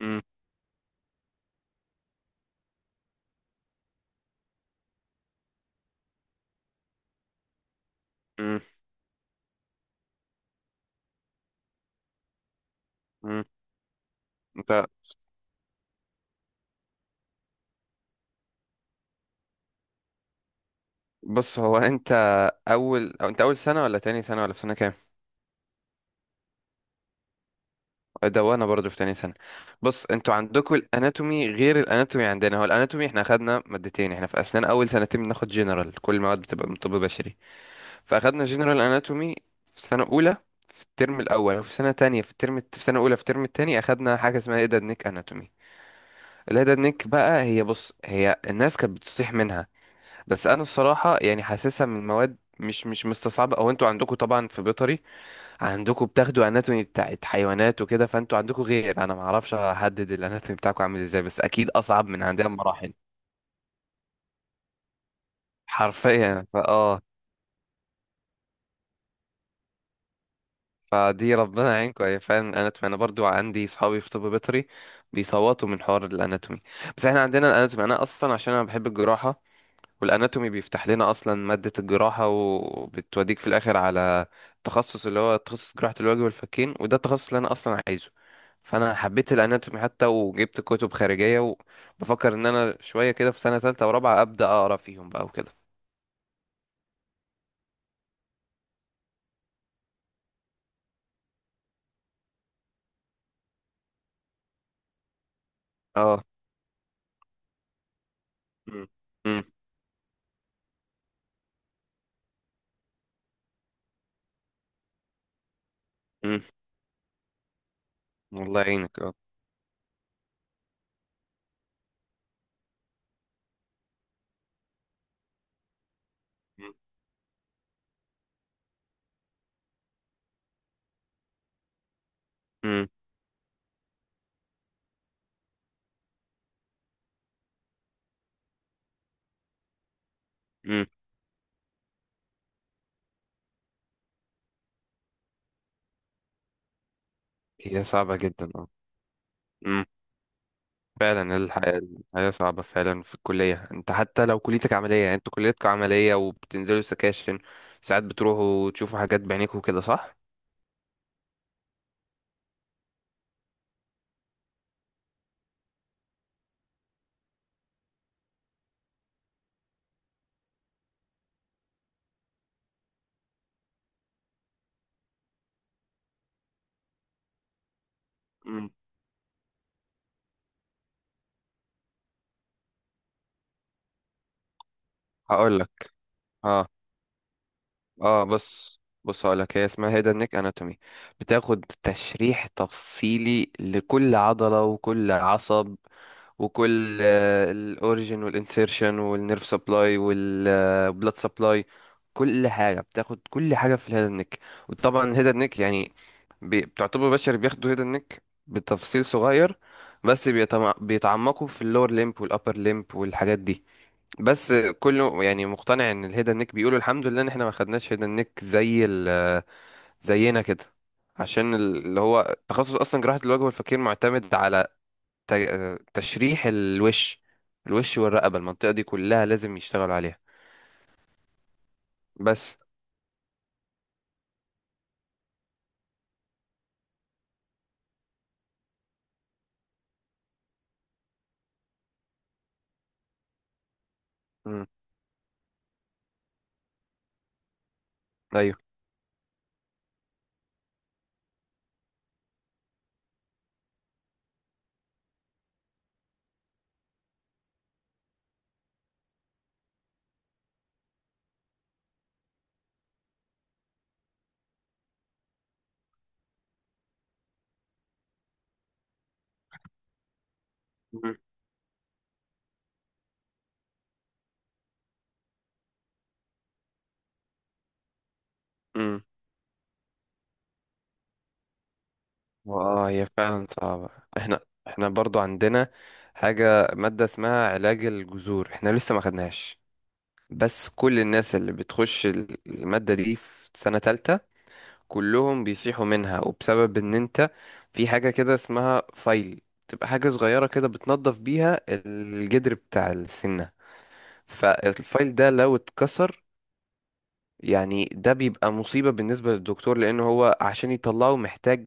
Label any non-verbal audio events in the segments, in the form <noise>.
مم. مم. مم. انت. بص هو انت اول او انت اول سنه ولا تاني سنه ولا في سنه كام ده وانا برضو في تاني سنه. بص، انتوا عندكم الاناتومي غير الاناتومي عندنا. هو الاناتومي احنا اخدنا مادتين، احنا في اسنان اول سنتين بناخد جنرال، كل المواد بتبقى من طب بشري. فاخدنا جنرال اناتومي في سنه اولى في الترم الاول، وفي سنه تانية في الترم في سنه اولى في الترم التاني اخدنا حاجه اسمها هيدد نيك اناتومي. الهيدد نيك بقى هي الناس كانت بتصيح منها، بس انا الصراحه يعني حاسسها من مواد مش مستصعبه. او انتوا عندكم طبعا في بيطري، عندكم بتاخدوا اناتومي بتاعت حيوانات وكده، فانتوا عندكم غير. انا ما اعرفش احدد الاناتومي بتاعكم عامل ازاي، بس اكيد اصعب من عندنا بمراحل. حرفيا فاه، فدي ربنا يعينكم. هي فعلا الاناتومي انا برضو عندي صحابي في طب بيطري بيصوتوا من حوار الاناتومي. بس احنا عندنا الاناتومي انا اصلا عشان انا بحب الجراحه، والاناتومي بيفتح لنا اصلا ماده الجراحه، وبتوديك في الاخر على التخصص اللي هو تخصص جراحه الوجه والفكين، وده التخصص اللي انا اصلا عايزه. فانا حبيت الاناتومي حتى وجبت كتب خارجيه، وبفكر ان انا شويه كده في سنه ثالثه ورابعه ابدا اقرا فيهم بقى وكده. اه. مم. مم. مم. الله يعينك اه. مم. مم. مم. هي صعبه جدا، اه فعلا. الحياة، الحياة صعبة فعلا في الكلية. انت حتى لو كليتك عملية، يعني انتوا كليتكم عملية وبتنزلوا سكاشن، ساعات بتروحوا تشوفوا حاجات بعينيكوا كده صح؟ مم. هقول لك. اه اه، بص هقول لك، هي اسمها هيدا نيك اناتومي. بتاخد تشريح تفصيلي لكل عضلة وكل عصب، وكل الاوريجن والانسيرشن والنيرف سبلاي والبلاد سبلاي، كل حاجه بتاخد، كل حاجه في الهيد نيك. وطبعا هيد نيك يعني بتعتبر بشر بياخدوا هيد نيك بتفصيل صغير، بس بيتعمقوا في اللور ليمب والابر ليمب والحاجات دي، بس كله يعني مقتنع ان الهيد نيك، بيقولوا الحمد لله ان احنا ما خدناش هيد نيك زينا كده. عشان اللي هو تخصص اصلا جراحة الوجه والفكين معتمد على تشريح الوش، الوش والرقبة، المنطقة دي كلها لازم يشتغلوا عليها. بس. مم. ايوه. مم. مم. اه هي فعلا صعبة. احنا احنا برضو عندنا حاجة، مادة اسمها علاج الجذور، احنا لسه ما خدناش، بس كل الناس اللي بتخش المادة دي في سنة تالتة كلهم بيصيحوا منها. وبسبب ان انت في حاجة كده اسمها فايل، تبقى حاجة صغيرة كده بتنظف بيها الجدر بتاع السنة. فالفايل ده لو اتكسر، يعني ده بيبقى مصيبة بالنسبة للدكتور، لأنه هو عشان يطلعه محتاج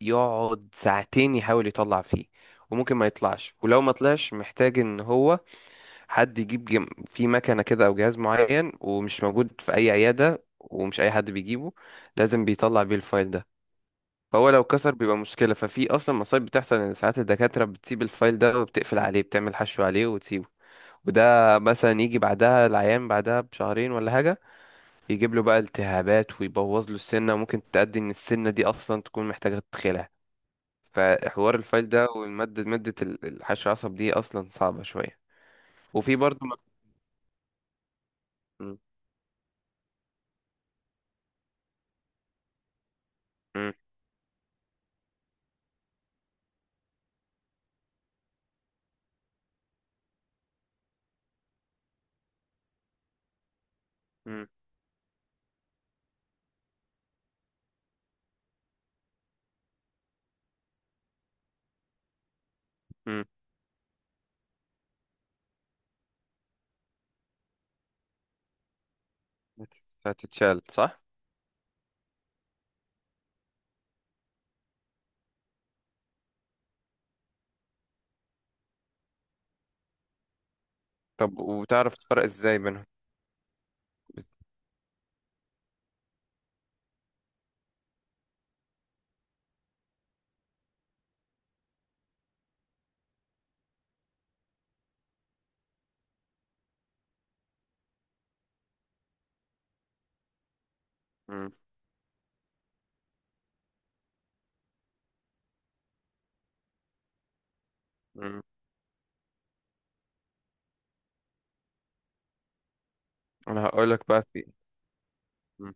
يقعد ساعتين يحاول يطلع فيه، وممكن ما يطلعش، ولو ما طلعش محتاج ان هو حد يجيب جم... في مكنة كده او جهاز معين، ومش موجود في اي عيادة، ومش اي حد بيجيبه، لازم بيطلع بيه الفايل ده. فهو لو كسر بيبقى مشكلة. ففي اصلا مصايب بتحصل ان ساعات الدكاترة بتسيب الفايل ده وبتقفل عليه، بتعمل حشو عليه وتسيبه، وده مثلا يجي بعدها العيان بعدها بشهرين ولا حاجة، يجيب له بقى التهابات ويبوظ له السنة، وممكن تؤدي ان السنة دي اصلا تكون محتاجة تدخلها. فحوار الفايل ده والمادة، مادة الحشو العصب دي اصلا صعبة شوية. وفي برضه مك... م- م- م- م- هتتشال صح؟ طب وبتعرف تفرق ازاي بينهم؟ م- م. انا هقولك بقى، في م-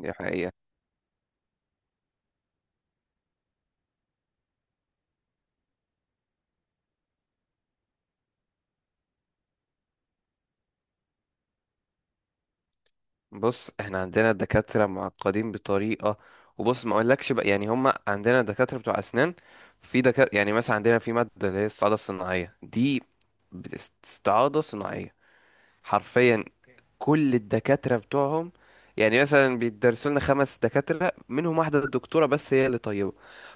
دي حقيقة. بص احنا عندنا دكاترة معقدين بطريقة، وبص ما اقولكش بقى، يعني هم عندنا دكاترة بتوع اسنان. في دكاترة يعني مثلا عندنا في مادة اللي هي الاستعاضة الصناعية دي، بت- استعاضة صناعية حرفيا، كل الدكاترة بتوعهم، يعني مثلا بيدرسوا لنا خمس دكاترة، منهم واحدة الدكتورة بس هي اللي طيبة،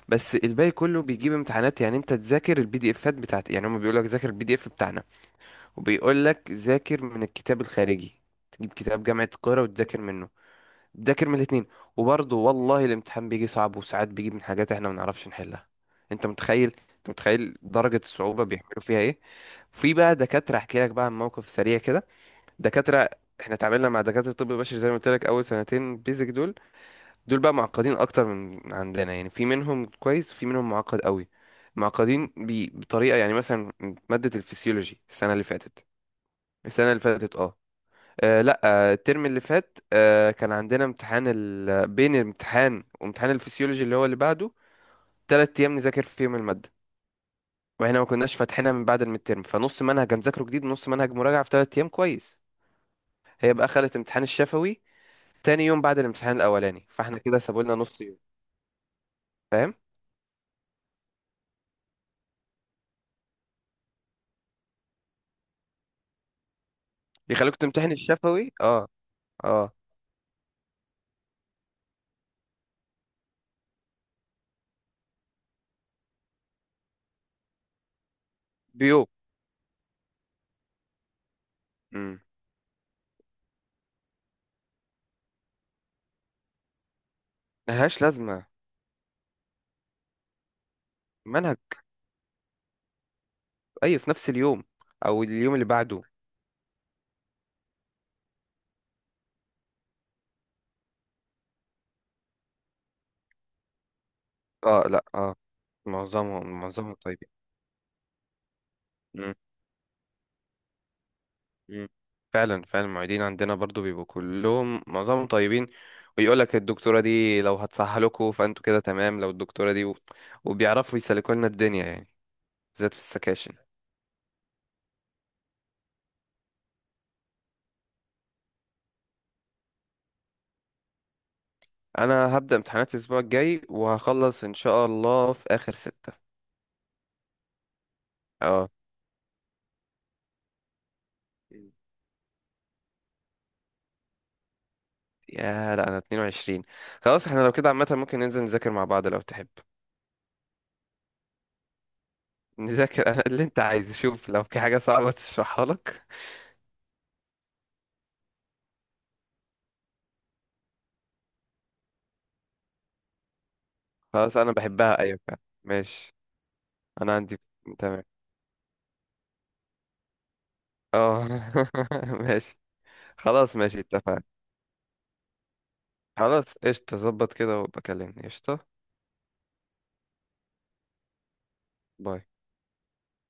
بس الباقي كله بيجيب امتحانات. يعني انت تذاكر البي دي افات بتاعت، يعني هم بيقول لك ذاكر البي دي اف بتاعنا، وبيقول لك ذاكر من الكتاب الخارجي، تجيب كتاب جامعة القاهرة وتذاكر منه، ذاكر من الاتنين، وبرضه والله الامتحان بيجي صعب، وساعات بيجي من حاجات احنا ما نعرفش نحلها. انت متخيل درجة الصعوبة بيعملوا فيها ايه. في بقى دكاترة احكي لك بقى عن موقف سريع كده. دكاترة، احنا اتعاملنا مع دكاترة الطب البشري، زي ما قلت لك اول سنتين بيزك دول. دول بقى معقدين اكتر من عندنا، يعني في منهم كويس، في منهم معقد قوي. معقدين بطريقة، يعني مثلا مادة الفسيولوجي السنة اللي فاتت، السنة اللي فاتت اه لا، الترم اللي فات كان عندنا امتحان ال... بين الامتحان وامتحان الفسيولوجي اللي هو اللي بعده تلات ايام نذاكر فيهم الماده، واحنا ما كناش فاتحينها من بعد الميدترم، فنص منهج هنذاكره جديد ونص منهج مراجعه في تلات ايام، كويس. هي بقى خلت امتحان الشفوي تاني يوم بعد الامتحان الاولاني، فاحنا كده سابوا لنا نص يوم، فاهم؟ يخليك تمتحن الشفوي اه. اه بيوم. امم. ملهاش لازمه. منهج. اي في نفس اليوم او اليوم اللي بعده. اه. لا اه، معظمهم طيبين. مم. فعلا فعلا، المعيدين عندنا برضو بيبقوا كلهم معظمهم طيبين، ويقول لك الدكتورة دي لو هتسهلكوا فانتوا كده تمام، لو الدكتورة دي و... وبيعرفوا يسلكوا لنا الدنيا يعني، بالذات في السكاشن. انا هبدأ امتحانات الاسبوع الجاي، وهخلص ان شاء الله في اخر ستة. اه. مم. يا لا انا 22. خلاص احنا لو كده عامة ممكن ننزل نذاكر مع بعض لو تحب. <laughs> نذاكر أنا اللي انت عايزه، شوف لو في حاجة صعبة تشرحها لك. خلاص انا بحبها، ايوه فعلا، ماشي. انا عندي، تمام. اه <laughs> ماشي. خلاص ماشي، اتفقنا. خلاص قشطة، ظبط كده وبكلمني، قشطة. باي.